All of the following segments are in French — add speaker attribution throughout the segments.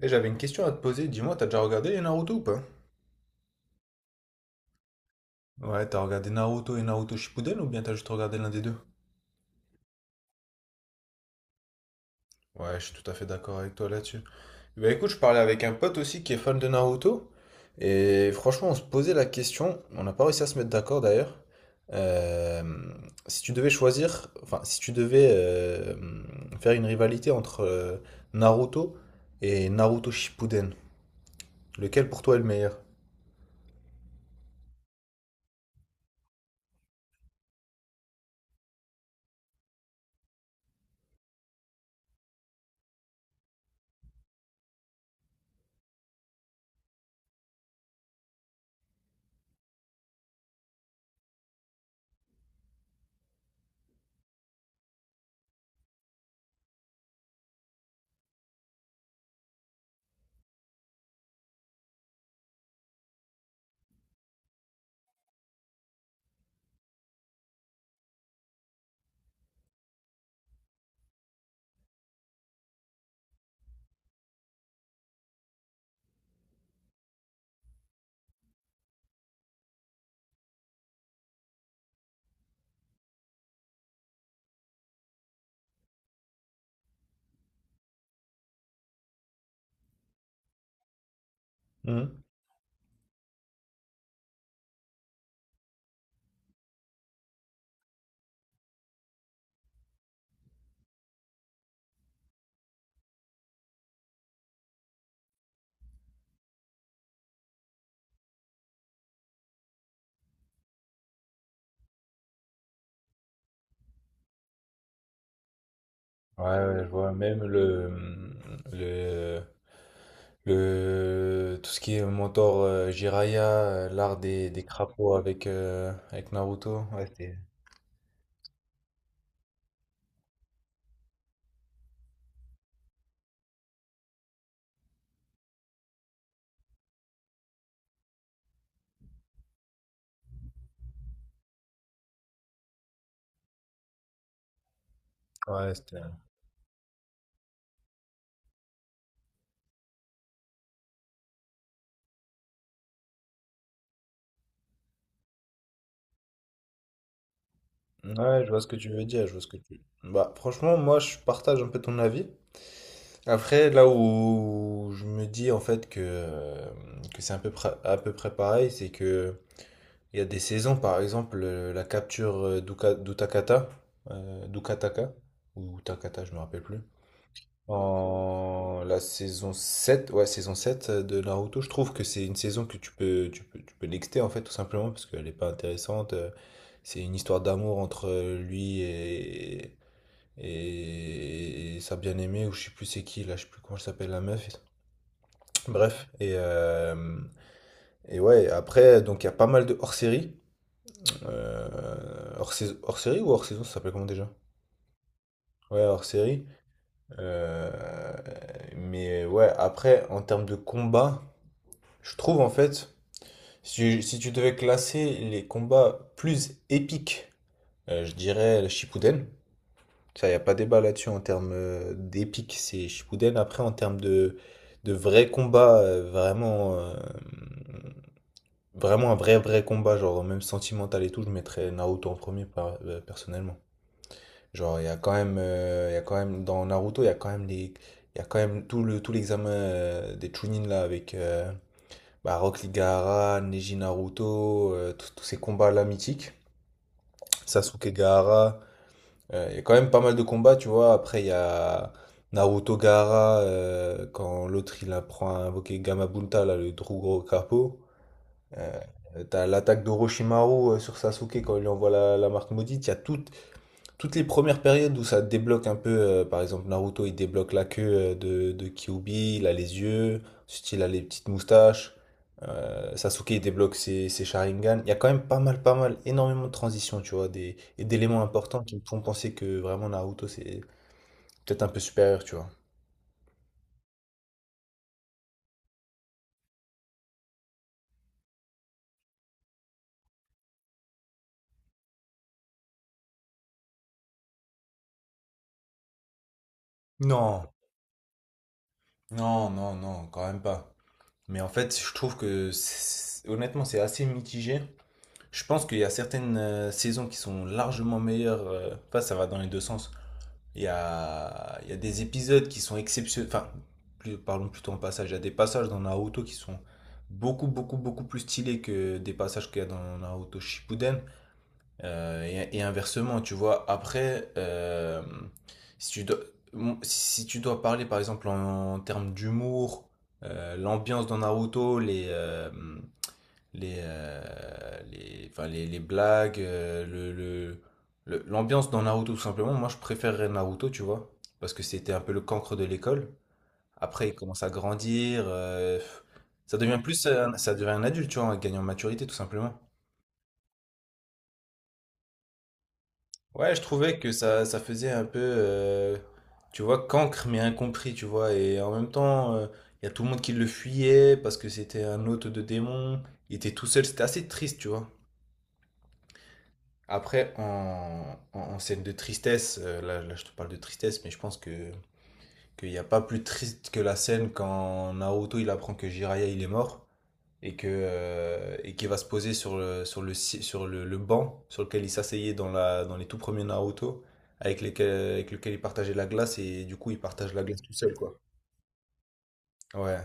Speaker 1: Et j'avais une question à te poser, dis-moi, t'as déjà regardé les Naruto ou pas? Ouais, t'as regardé Naruto et Naruto Shippuden ou bien t'as juste regardé l'un des deux? Ouais, je suis tout à fait d'accord avec toi là-dessus. Bah écoute, je parlais avec un pote aussi qui est fan de Naruto, et franchement, on se posait la question, on n'a pas réussi à se mettre d'accord d'ailleurs, euh, si tu devais choisir, enfin, si tu devais faire une rivalité entre Naruto et Naruto Shippuden, lequel pour toi est le meilleur? Hmm. Ouais, ouais, je vois même le, tout ce qui est mentor Jiraiya, l'art des crapauds avec, avec Naruto. Ouais, c'était. Ouais, je vois ce que tu veux dire, je vois ce que tu. Bah, franchement, moi, je partage un peu ton avis. Après, là où je me dis en fait que c'est à peu près pareil, c'est que il y a des saisons, par exemple, la capture d'Utakata, euh, d'Ukataka, ou Takata, je me rappelle plus. En la saison 7 ouais, saison 7 de Naruto, je trouve que c'est une saison que tu peux nexter, en fait, tout simplement, parce qu'elle n'est pas intéressante. C'est une histoire d'amour entre lui et et sa bien-aimée, ou je sais plus c'est qui, là, je sais plus comment elle s'appelle, la meuf. Bref, et ouais, après, donc il y a pas mal de hors-séries. Hors saison, hors série ou hors saison, ça s'appelle comment déjà? Ouais, hors série. Euh, mais ouais, après, en termes de combat, je trouve en fait, si, si tu devais classer les combats plus épiques, je dirais le Shippuden. Ça, il n'y a pas débat là-dessus en termes d'épique, c'est Shippuden. Après, en termes de vrai combat, vraiment un vrai combat, genre même sentimental et tout, je mettrais Naruto en premier, personnellement. Genre, il y a quand même, dans Naruto, il y a quand même il y a quand même tout tout l'examen des Chunin là avec bah, Rock Lee Gaara, Neji Naruto, tous ces combats là mythiques, Sasuke Gaara, il y a quand même pas mal de combats, tu vois. Après, il y a Naruto Gaara, quand l'autre il apprend à invoquer Gamabunta, là, le Drugro Capo. Euh, T'as l'attaque d'Orochimaru sur Sasuke quand il lui envoie la marque maudite, il y a tout, toutes les premières périodes où ça débloque un peu, par exemple Naruto, il débloque la queue de Kyuubi, il a les yeux, ensuite il a les petites moustaches, Sasuke il débloque ses Sharingan. Il y a quand même pas mal, pas mal, énormément de transitions, tu vois, des, et d'éléments importants qui me font penser que vraiment Naruto c'est peut-être un peu supérieur, tu vois. Non, non, non, non, quand même pas. Mais en fait, je trouve que honnêtement, c'est assez mitigé. Je pense qu'il y a certaines saisons qui sont largement meilleures. Enfin, ça va dans les deux sens. Il y a des épisodes qui sont exceptionnels. Enfin, parlons plutôt en passage. Il y a des passages dans Naruto qui sont beaucoup, beaucoup, beaucoup plus stylés que des passages qu'il y a dans Naruto Shippuden. Et inversement, tu vois. Après, si tu dois, si tu dois parler, par exemple, en termes d'humour, l'ambiance dans Naruto, les blagues, l'ambiance dans Naruto tout simplement. Moi, je préférerais Naruto, tu vois, parce que c'était un peu le cancre de l'école. Après, il commence à grandir, ça devient plus, ça devient un adulte, tu vois, en gagnant en maturité tout simplement. Ouais, je trouvais que ça faisait un peu, tu vois, cancre mais incompris, tu vois, et en même temps, il y a tout le monde qui le fuyait parce que c'était un hôte de démon, il était tout seul, c'était assez triste, tu vois. Après, en scène de tristesse, là, je te parle de tristesse, mais je pense que qu'il n'y a pas plus triste que la scène quand Naruto il apprend que Jiraiya il est mort et que et qu'il va se poser sur le si- sur le banc sur lequel il s'asseyait dans les tout premiers Naruto avec lequel il partageait la glace et du coup il partage la glace tout seul quoi. Ouais.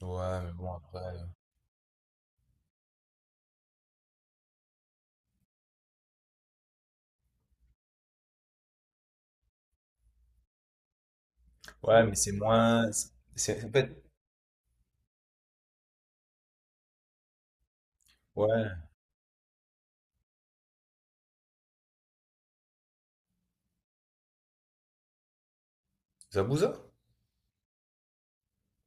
Speaker 1: Ouais, mais bon après. Ouais, mais c'est moins en fait ouais, Zabuza?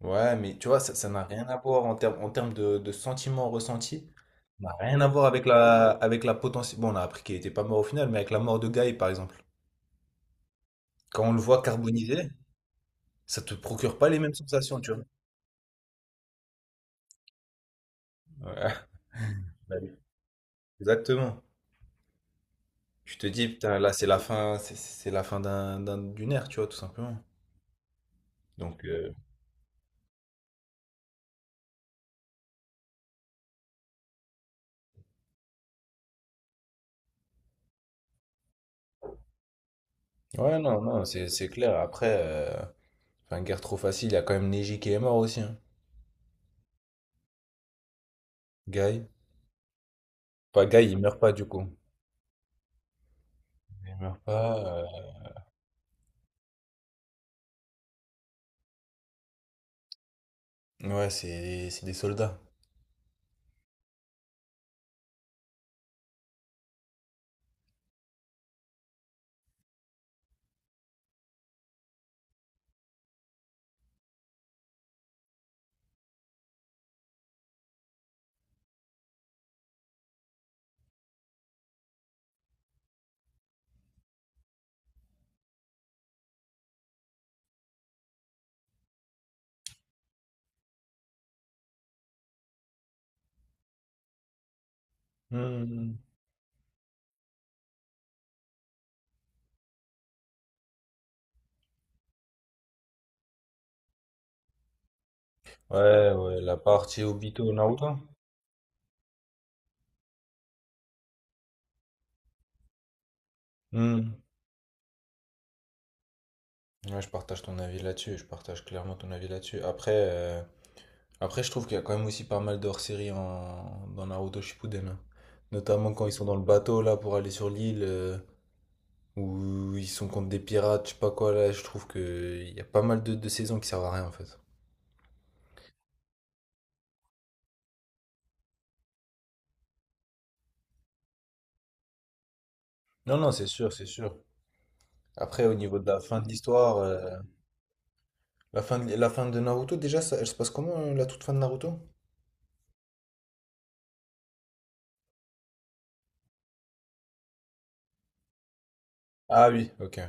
Speaker 1: Ouais, mais tu vois, ça n'a rien à voir en termes de sentiments ressentis. Ça n'a rien à voir avec avec la potentielle. Bon, on a appris qu'il était pas mort au final, mais avec la mort de Guy, par exemple. Quand on le voit carbonisé, ça te procure pas les mêmes sensations, tu vois. Ouais, bah oui, exactement. Tu te dis, putain, là, c'est la fin, c'est la fin d'une ère, tu vois, tout simplement. Donc, ouais, non, non, c'est clair. Après, enfin, guerre trop facile, il y a quand même Neji qui est mort aussi, hein. Guy. Pas Guy, il meurt pas, du coup. Il meurt pas. Ouais, c'est des soldats. Hmm. Ouais, ouais, la partie Obito Naruto. Hmm. Ouais, je partage ton avis là-dessus, je partage clairement ton avis là-dessus. Après, après je trouve qu'il y a quand même aussi pas mal d'hors-série en... dans Naruto Shippuden. Hein. Notamment quand ils sont dans le bateau là pour aller sur l'île, ou ils sont contre des pirates, je sais pas quoi là, je trouve que il y a pas mal de saisons qui servent à rien en fait. Non, non, c'est sûr, c'est sûr. Après, au niveau de la fin de l'histoire, la fin de Naruto, déjà, ça, elle se passe comment la toute fin de Naruto? Ah oui, ok.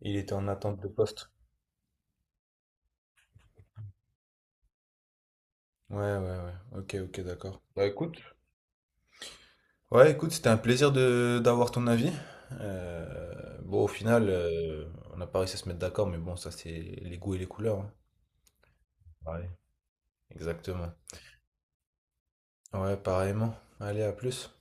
Speaker 1: Il était en attente de poste. Ouais, ouais, ouais. Ok, ok, d'accord. Bah écoute, ouais, écoute, c'était un plaisir de d'avoir ton avis. Bon, au final, on n'a pas réussi à se mettre d'accord, mais bon, ça, c'est les goûts et les couleurs. Hein. Ouais. Exactement. Ouais, pareillement. Allez, à plus.